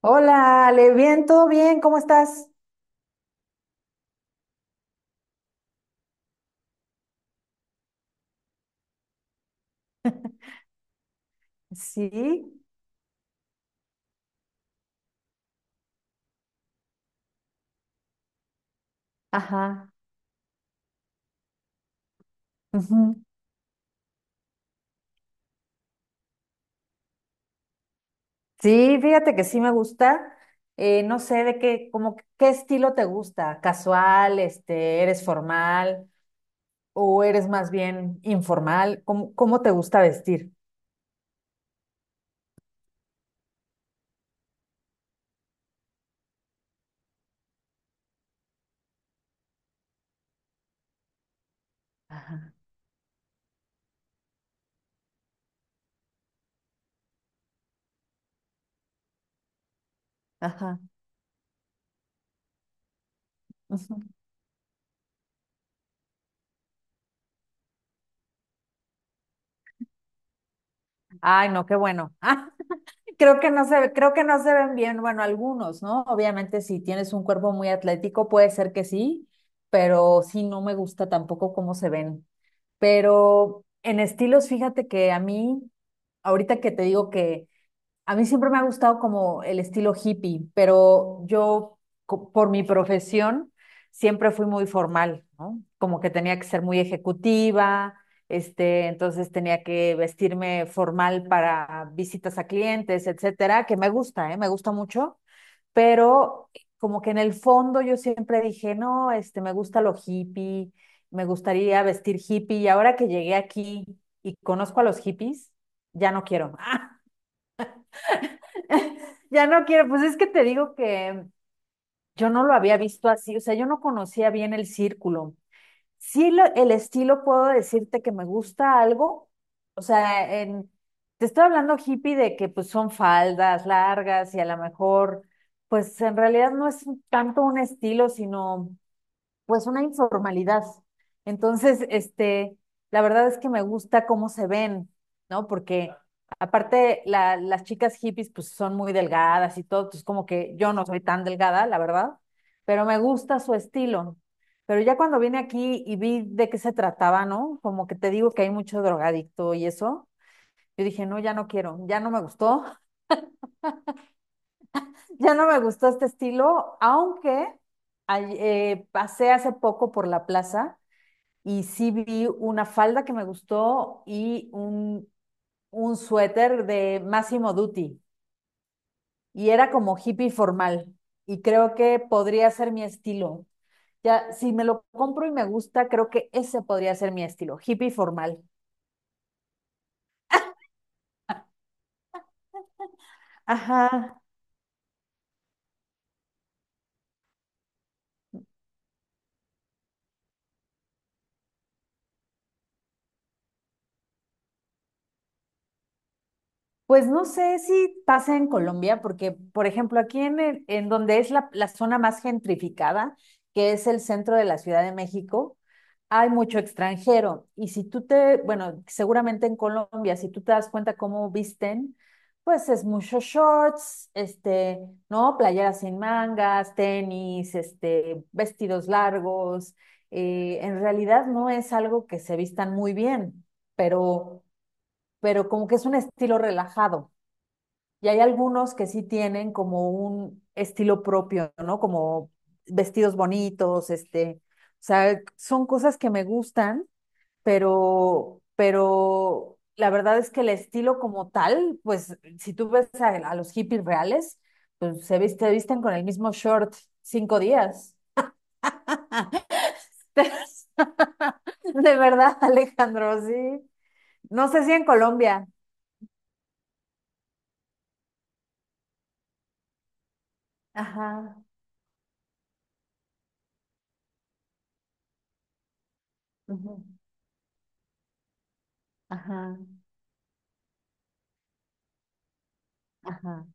Hola, Ale, bien, todo bien, ¿cómo estás? Sí, ajá. Ujú. Sí, fíjate que sí me gusta. No sé de qué, qué estilo te gusta, casual, este, eres formal o eres más bien informal, ¿cómo te gusta vestir? Ajá, ajá. Ujú. Ay, no, qué bueno. Creo que no se ven bien, bueno, algunos, ¿no? Obviamente, si tienes un cuerpo muy atlético, puede ser que sí, pero sí no me gusta tampoco cómo se ven. Pero en estilos, fíjate que a mí, ahorita que te digo que a mí siempre me ha gustado como el estilo hippie, pero yo por mi profesión siempre fui muy formal, ¿no? Como que tenía que ser muy ejecutiva, este, entonces tenía que vestirme formal para visitas a clientes, etcétera, que me gusta, ¿eh? Me gusta mucho, pero como que en el fondo yo siempre dije, no, este, me gusta lo hippie, me gustaría vestir hippie y ahora que llegué aquí y conozco a los hippies, ya no quiero. Ya no quiero, pues es que te digo que yo no lo había visto así, o sea, yo no conocía bien el círculo. Sí, el estilo puedo decirte que me gusta algo, o sea, en, te estoy hablando hippie de que pues son faldas largas y a lo mejor, pues en realidad no es tanto un estilo, sino pues una informalidad. Entonces, este, la verdad es que me gusta cómo se ven, ¿no? Porque aparte las chicas hippies pues son muy delgadas y todo, pues como que yo no soy tan delgada, la verdad, pero me gusta su estilo. Pero ya cuando vine aquí y vi de qué se trataba, ¿no? Como que te digo que hay mucho drogadicto y eso, yo dije, no, ya no quiero, ya no me gustó, ya no me gustó este estilo, aunque pasé hace poco por la plaza y sí vi una falda que me gustó y un suéter de Massimo Dutti y era como hippie formal y creo que podría ser mi estilo. Ya, si me lo compro y me gusta, creo que ese podría ser mi estilo, hippie formal. Ajá. Pues no sé si pasa en Colombia, porque, por ejemplo, aquí en, en donde es la zona más gentrificada, que es el centro de la Ciudad de México, hay mucho extranjero. Y si tú te, bueno, seguramente en Colombia, si tú te das cuenta cómo visten, pues es mucho shorts, este, ¿no? Playeras sin mangas, tenis, este, vestidos largos. En realidad no es algo que se vistan muy bien, pero, pero como que es un estilo relajado. Y hay algunos que sí tienen como un estilo propio, ¿no? Como vestidos bonitos, este, o sea, son cosas que me gustan, pero la verdad es que el estilo como tal, pues si tú ves a los hippies reales, pues se viste, visten con el mismo short 5 días. De verdad, Alejandro, sí. No sé si en Colombia. Ajá, ujú, ajá, ajá,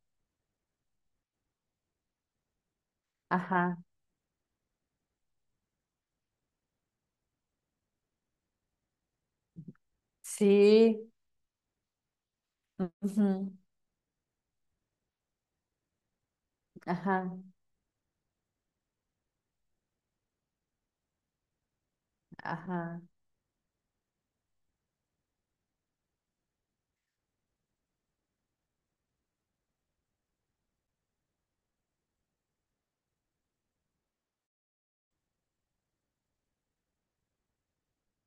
ajá. Sí, ujú, ajá, ajá,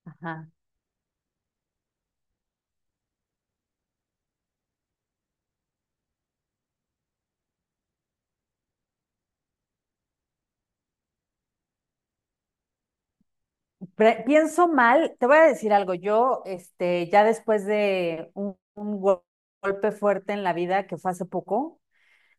ajá. Pienso mal, te voy a decir algo. Yo, este, ya después de golpe fuerte en la vida que fue hace poco,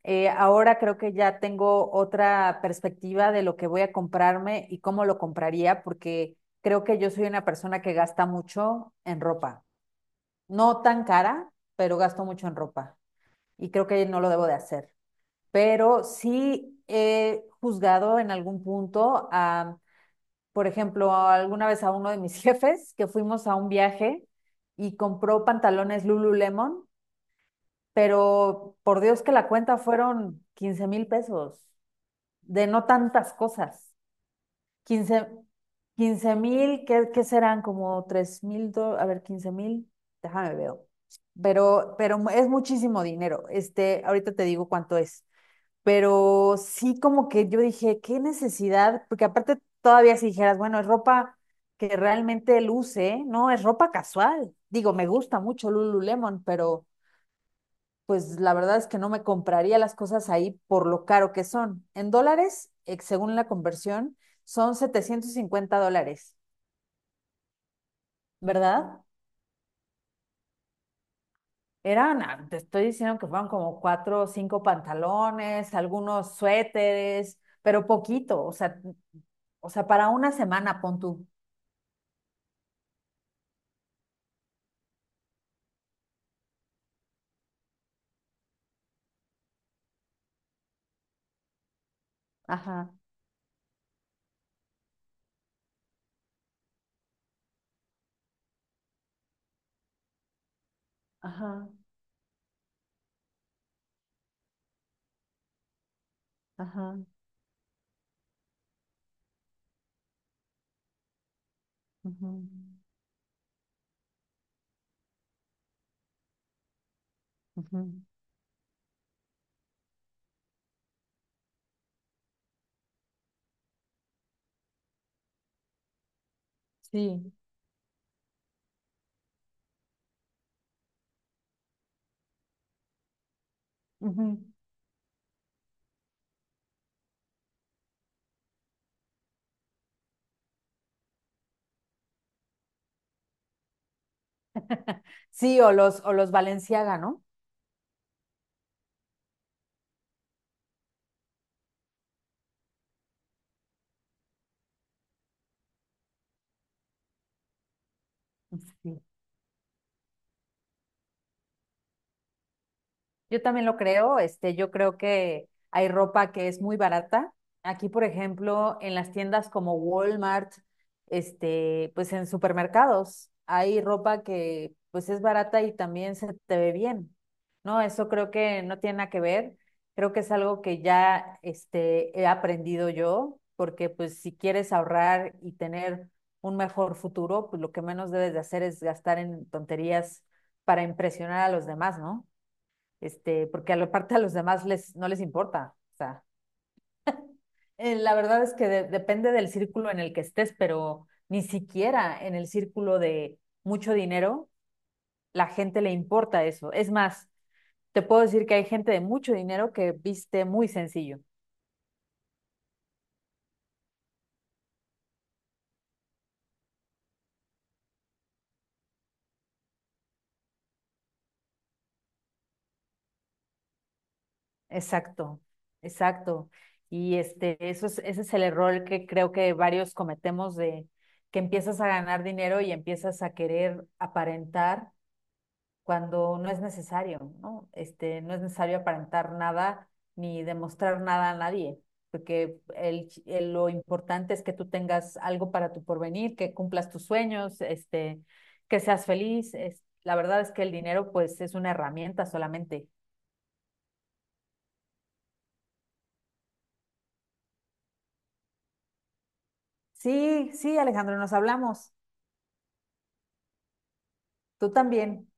ahora creo que ya tengo otra perspectiva de lo que voy a comprarme y cómo lo compraría, porque creo que yo soy una persona que gasta mucho en ropa. No tan cara, pero gasto mucho en ropa y creo que no lo debo de hacer. Pero sí he juzgado en algún punto a, por ejemplo, alguna vez a uno de mis jefes que fuimos a un viaje y compró pantalones Lululemon, pero por Dios que la cuenta fueron 15,000 pesos de no tantas cosas. 15,000, ¿qué, qué serán? Como 3,000, a ver, 15,000, déjame veo. Pero es muchísimo dinero. Este, ahorita te digo cuánto es. Pero sí como que yo dije, qué necesidad, porque aparte todavía si dijeras, bueno, es ropa que realmente luce, no, es ropa casual. Digo, me gusta mucho Lululemon, pero pues la verdad es que no me compraría las cosas ahí por lo caro que son. En dólares, según la conversión, son 750 dólares, ¿verdad? Eran, ah, te estoy diciendo que fueron como cuatro o cinco pantalones, algunos suéteres, pero poquito, o sea, para una semana, pon tú. Ajá, ajá, ajá, ujú, ujú, sí, ujú. Sí, o los Balenciaga, ¿no? Sí. Yo también lo creo, este, yo creo que hay ropa que es muy barata. Aquí, por ejemplo, en las tiendas como Walmart, este, pues en supermercados, hay ropa que pues es barata y también se te ve bien, ¿no? Eso creo que no tiene nada que ver. Creo que es algo que ya, este, he aprendido yo, porque pues si quieres ahorrar y tener un mejor futuro, pues lo que menos debes de hacer es gastar en tonterías para impresionar a los demás, ¿no? Este, porque a la parte a los demás les, no les importa. O sea, la verdad es que depende del círculo en el que estés, pero ni siquiera en el círculo de mucho dinero la gente le importa eso. Es más, te puedo decir que hay gente de mucho dinero que viste muy sencillo. Exacto, exacto. Y este, eso es, ese es el error que creo que varios cometemos de que empiezas a ganar dinero y empiezas a querer aparentar cuando no es necesario, ¿no? Este, no es necesario aparentar nada ni demostrar nada a nadie, porque el, lo importante es que tú tengas algo para tu porvenir, que cumplas tus sueños, este, que seas feliz. Es, la verdad es que el dinero, pues, es una herramienta solamente. Sí, sí, Alejandro, nos hablamos. Tú también.